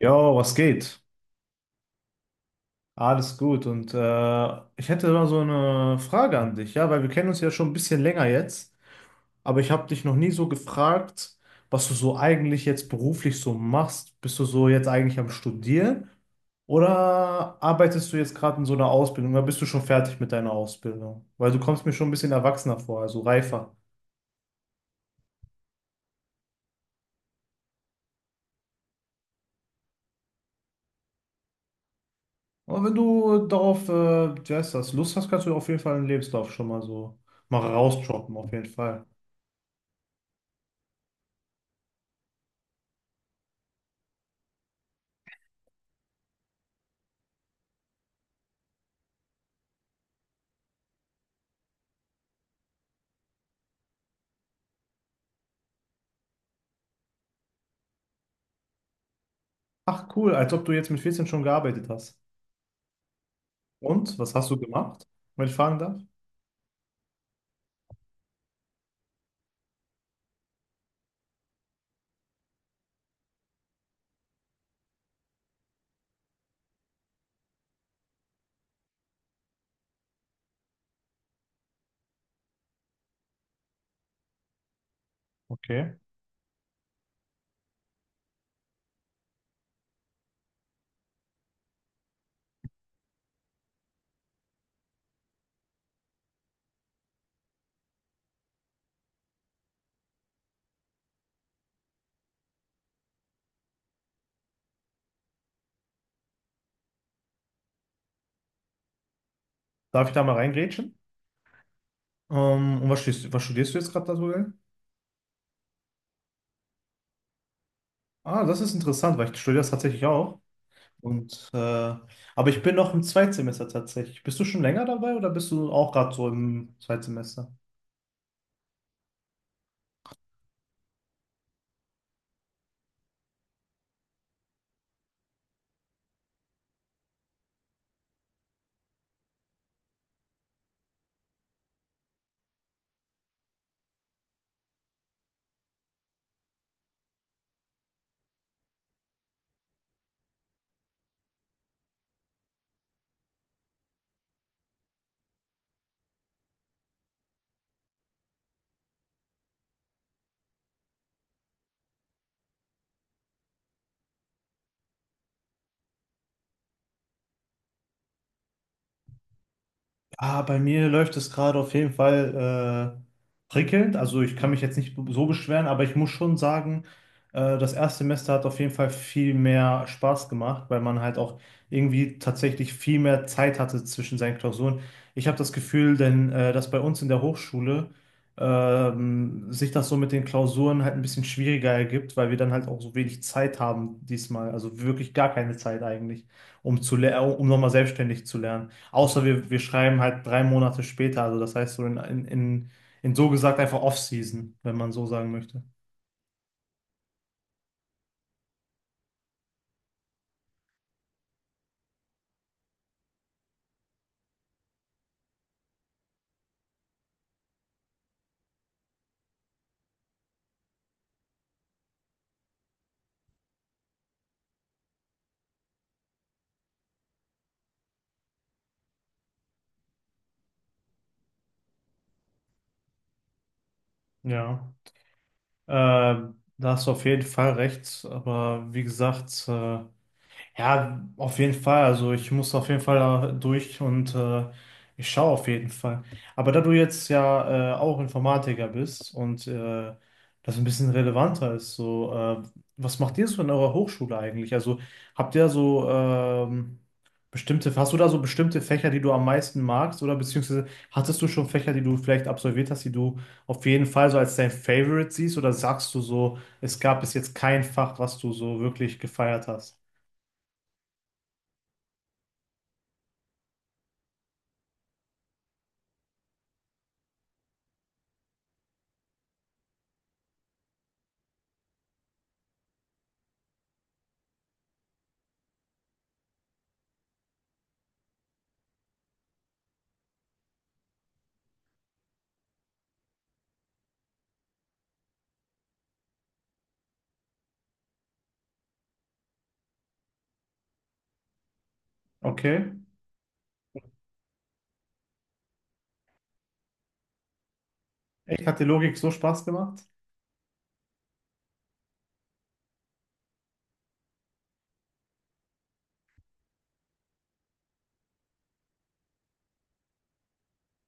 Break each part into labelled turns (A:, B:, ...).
A: Jo, was geht? Alles gut. Und ich hätte mal so eine Frage an dich, ja, weil wir kennen uns ja schon ein bisschen länger jetzt, aber ich habe dich noch nie so gefragt, was du so eigentlich jetzt beruflich so machst. Bist du so jetzt eigentlich am Studieren oder arbeitest du jetzt gerade in so einer Ausbildung oder bist du schon fertig mit deiner Ausbildung? Weil du kommst mir schon ein bisschen erwachsener vor, also reifer. Aber wenn du darauf, wie heißt das, Lust hast, kannst du auf jeden Fall einen Lebenslauf schon mal so mal rausdroppen, auf jeden Fall. Ach cool, als ob du jetzt mit 14 schon gearbeitet hast. Und was hast du gemacht, wenn ich fragen darf? Okay. Darf ich da mal reingrätschen? Und was studierst du jetzt gerade aktuell? Ah, das ist interessant, weil ich studiere das tatsächlich auch. Und äh, aber ich bin noch im Zweitsemester tatsächlich. Bist du schon länger dabei oder bist du auch gerade so im Zweitsemester? Ah, bei mir läuft es gerade auf jeden Fall prickelnd. Also ich kann mich jetzt nicht so beschweren, aber ich muss schon sagen, das Erstsemester hat auf jeden Fall viel mehr Spaß gemacht, weil man halt auch irgendwie tatsächlich viel mehr Zeit hatte zwischen seinen Klausuren. Ich habe das Gefühl, denn dass bei uns in der Hochschule sich das so mit den Klausuren halt ein bisschen schwieriger ergibt, weil wir dann halt auch so wenig Zeit haben diesmal. Also wirklich gar keine Zeit eigentlich, um nochmal selbstständig zu lernen. Außer wir schreiben halt 3 Monate später, also das heißt so in so gesagt einfach Off-Season, wenn man so sagen möchte. Ja, da hast du auf jeden Fall recht, aber wie gesagt, ja, auf jeden Fall. Also ich muss auf jeden Fall da durch und ich schaue auf jeden Fall. Aber da du jetzt ja auch Informatiker bist und das ein bisschen relevanter ist, so was macht ihr so in eurer Hochschule eigentlich? Also habt ihr so hast du da so bestimmte Fächer, die du am meisten magst oder beziehungsweise hattest du schon Fächer, die du vielleicht absolviert hast, die du auf jeden Fall so als dein Favorite siehst oder sagst du so, es gab bis jetzt kein Fach, was du so wirklich gefeiert hast? Okay. Echt, hat die Logik so Spaß gemacht?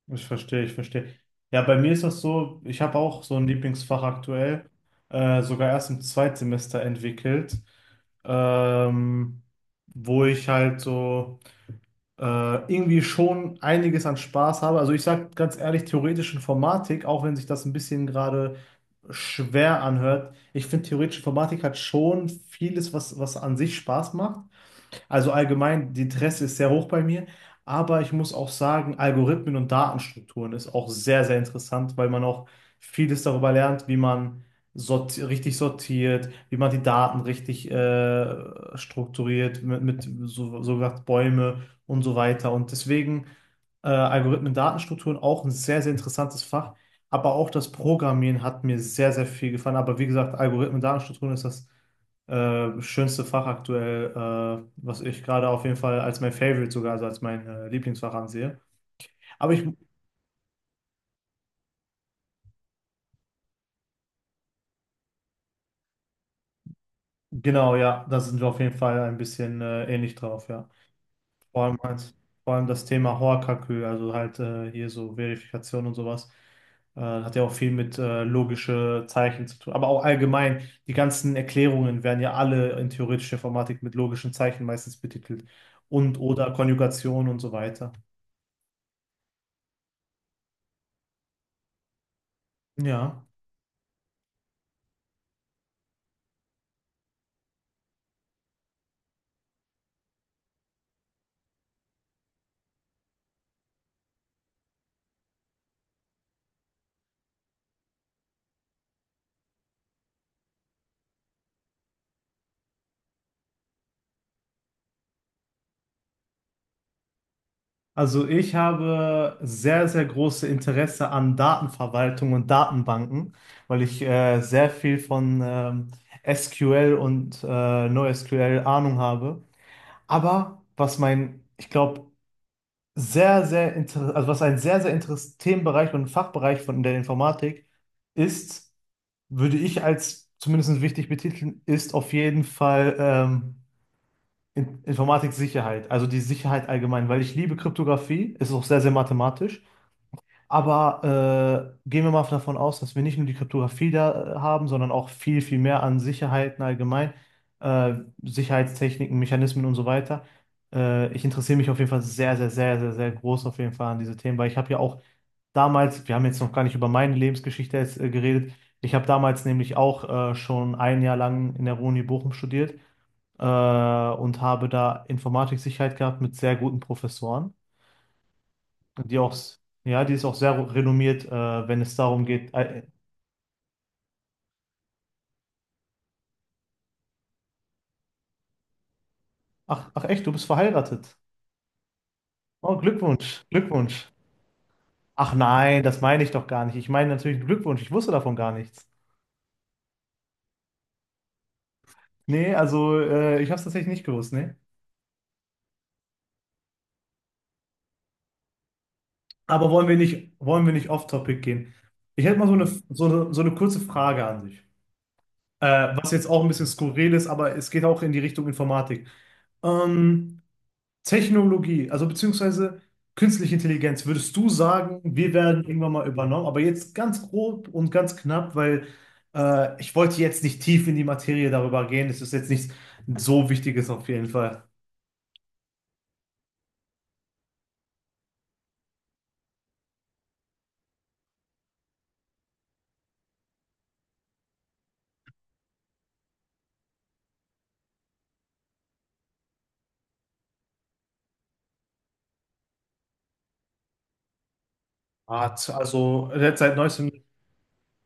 A: Ich verstehe, ich verstehe. Ja, bei mir ist das so, ich habe auch so ein Lieblingsfach aktuell, sogar erst im Zweitsemester entwickelt, ähm, wo ich halt so irgendwie schon einiges an Spaß habe. Also ich sage ganz ehrlich, theoretische Informatik, auch wenn sich das ein bisschen gerade schwer anhört, ich finde theoretische Informatik hat schon vieles, was an sich Spaß macht. Also allgemein, die Interesse ist sehr hoch bei mir. Aber ich muss auch sagen, Algorithmen und Datenstrukturen ist auch sehr, sehr interessant, weil man auch vieles darüber lernt, wie man sorti richtig sortiert, wie man die Daten richtig strukturiert, mit so gesagt Bäume und so weiter. Und deswegen Algorithmen, Datenstrukturen auch ein sehr, sehr interessantes Fach. Aber auch das Programmieren hat mir sehr, sehr viel gefallen. Aber wie gesagt, Algorithmen, Datenstrukturen ist das schönste Fach aktuell, was ich gerade auf jeden Fall als mein Favorite sogar, also als mein Lieblingsfach ansehe. Aber ich, genau, ja, da sind wir auf jeden Fall ein bisschen ähnlich drauf, ja. Vor allem, vor allem das Thema Hoakakü, also halt hier so Verifikation und sowas, hat ja auch viel mit logische Zeichen zu tun. Aber auch allgemein, die ganzen Erklärungen werden ja alle in theoretischer Informatik mit logischen Zeichen meistens betitelt. Und oder Konjugation und so weiter. Ja. Also ich habe sehr, sehr große Interesse an Datenverwaltung und Datenbanken, weil ich sehr viel von SQL und NoSQL Ahnung habe. Aber ich glaube, sehr, sehr inter also was ein sehr, sehr interessanter Themenbereich und Fachbereich von der Informatik ist, würde ich als zumindest wichtig betiteln, ist auf jeden Fall Informatik-Sicherheit, also die Sicherheit allgemein, weil ich liebe Kryptographie, es ist auch sehr, sehr mathematisch. Aber gehen wir mal davon aus, dass wir nicht nur die Kryptographie da haben, sondern auch viel, viel mehr an Sicherheiten allgemein, äh, Sicherheitstechniken, Mechanismen und so weiter. Ich interessiere mich auf jeden Fall sehr, sehr, sehr, sehr, sehr groß auf jeden Fall an diese Themen, weil ich habe ja auch damals, wir haben jetzt noch gar nicht über meine Lebensgeschichte jetzt, geredet, ich habe damals nämlich auch schon ein Jahr lang in der Uni Bochum studiert und habe da Informatiksicherheit gehabt mit sehr guten Professoren. Die auch, ja, die ist auch sehr renommiert, wenn es darum geht. Ach, ach echt, du bist verheiratet. Oh, Glückwunsch, Glückwunsch. Ach nein, das meine ich doch gar nicht. Ich meine natürlich Glückwunsch, ich wusste davon gar nichts. Nee, also ich habe es tatsächlich nicht gewusst, nee. Aber wollen wir nicht off-topic gehen? Ich hätte mal so eine kurze Frage an dich. Was jetzt auch ein bisschen skurril ist, aber es geht auch in die Richtung Informatik. Ähm, Technologie, also beziehungsweise künstliche Intelligenz, würdest du sagen, wir werden irgendwann mal übernommen? Aber jetzt ganz grob und ganz knapp, weil ich wollte jetzt nicht tief in die Materie darüber gehen. Es ist jetzt nichts so Wichtiges auf jeden Fall. Also jetzt seit neuestem,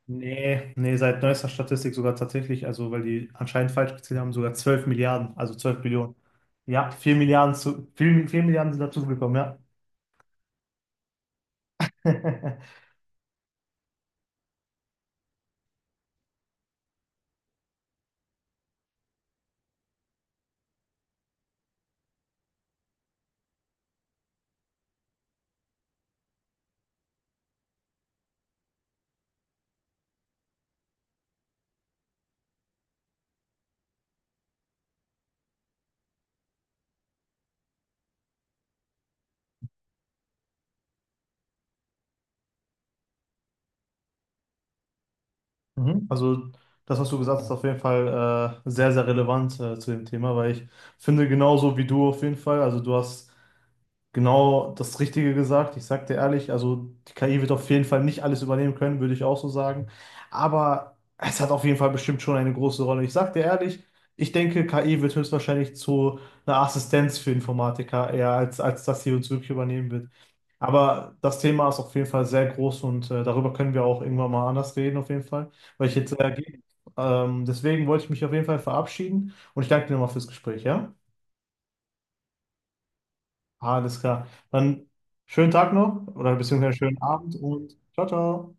A: nee, nee, seit neuester Statistik sogar tatsächlich, also weil die anscheinend falsch gezählt haben, sogar 12 Milliarden, also 12 Billionen. Ja, vier Milliarden sind dazugekommen, ja. Mhm. Also das, was du gesagt hast, ist auf jeden Fall sehr, sehr relevant zu dem Thema, weil ich finde genauso wie du auf jeden Fall, also du hast genau das Richtige gesagt. Ich sag dir ehrlich, also die KI wird auf jeden Fall nicht alles übernehmen können, würde ich auch so sagen. Aber es hat auf jeden Fall bestimmt schon eine große Rolle. Ich sag dir ehrlich, ich denke, KI wird höchstwahrscheinlich zu einer Assistenz für Informatiker eher, als dass sie uns wirklich übernehmen wird. Aber das Thema ist auf jeden Fall sehr groß und darüber können wir auch irgendwann mal anders reden, auf jeden Fall, weil ich jetzt gehe. Deswegen wollte ich mich auf jeden Fall verabschieden und ich danke dir nochmal fürs Gespräch, ja? Alles klar. Dann schönen Tag noch oder beziehungsweise schönen Abend und ciao, ciao.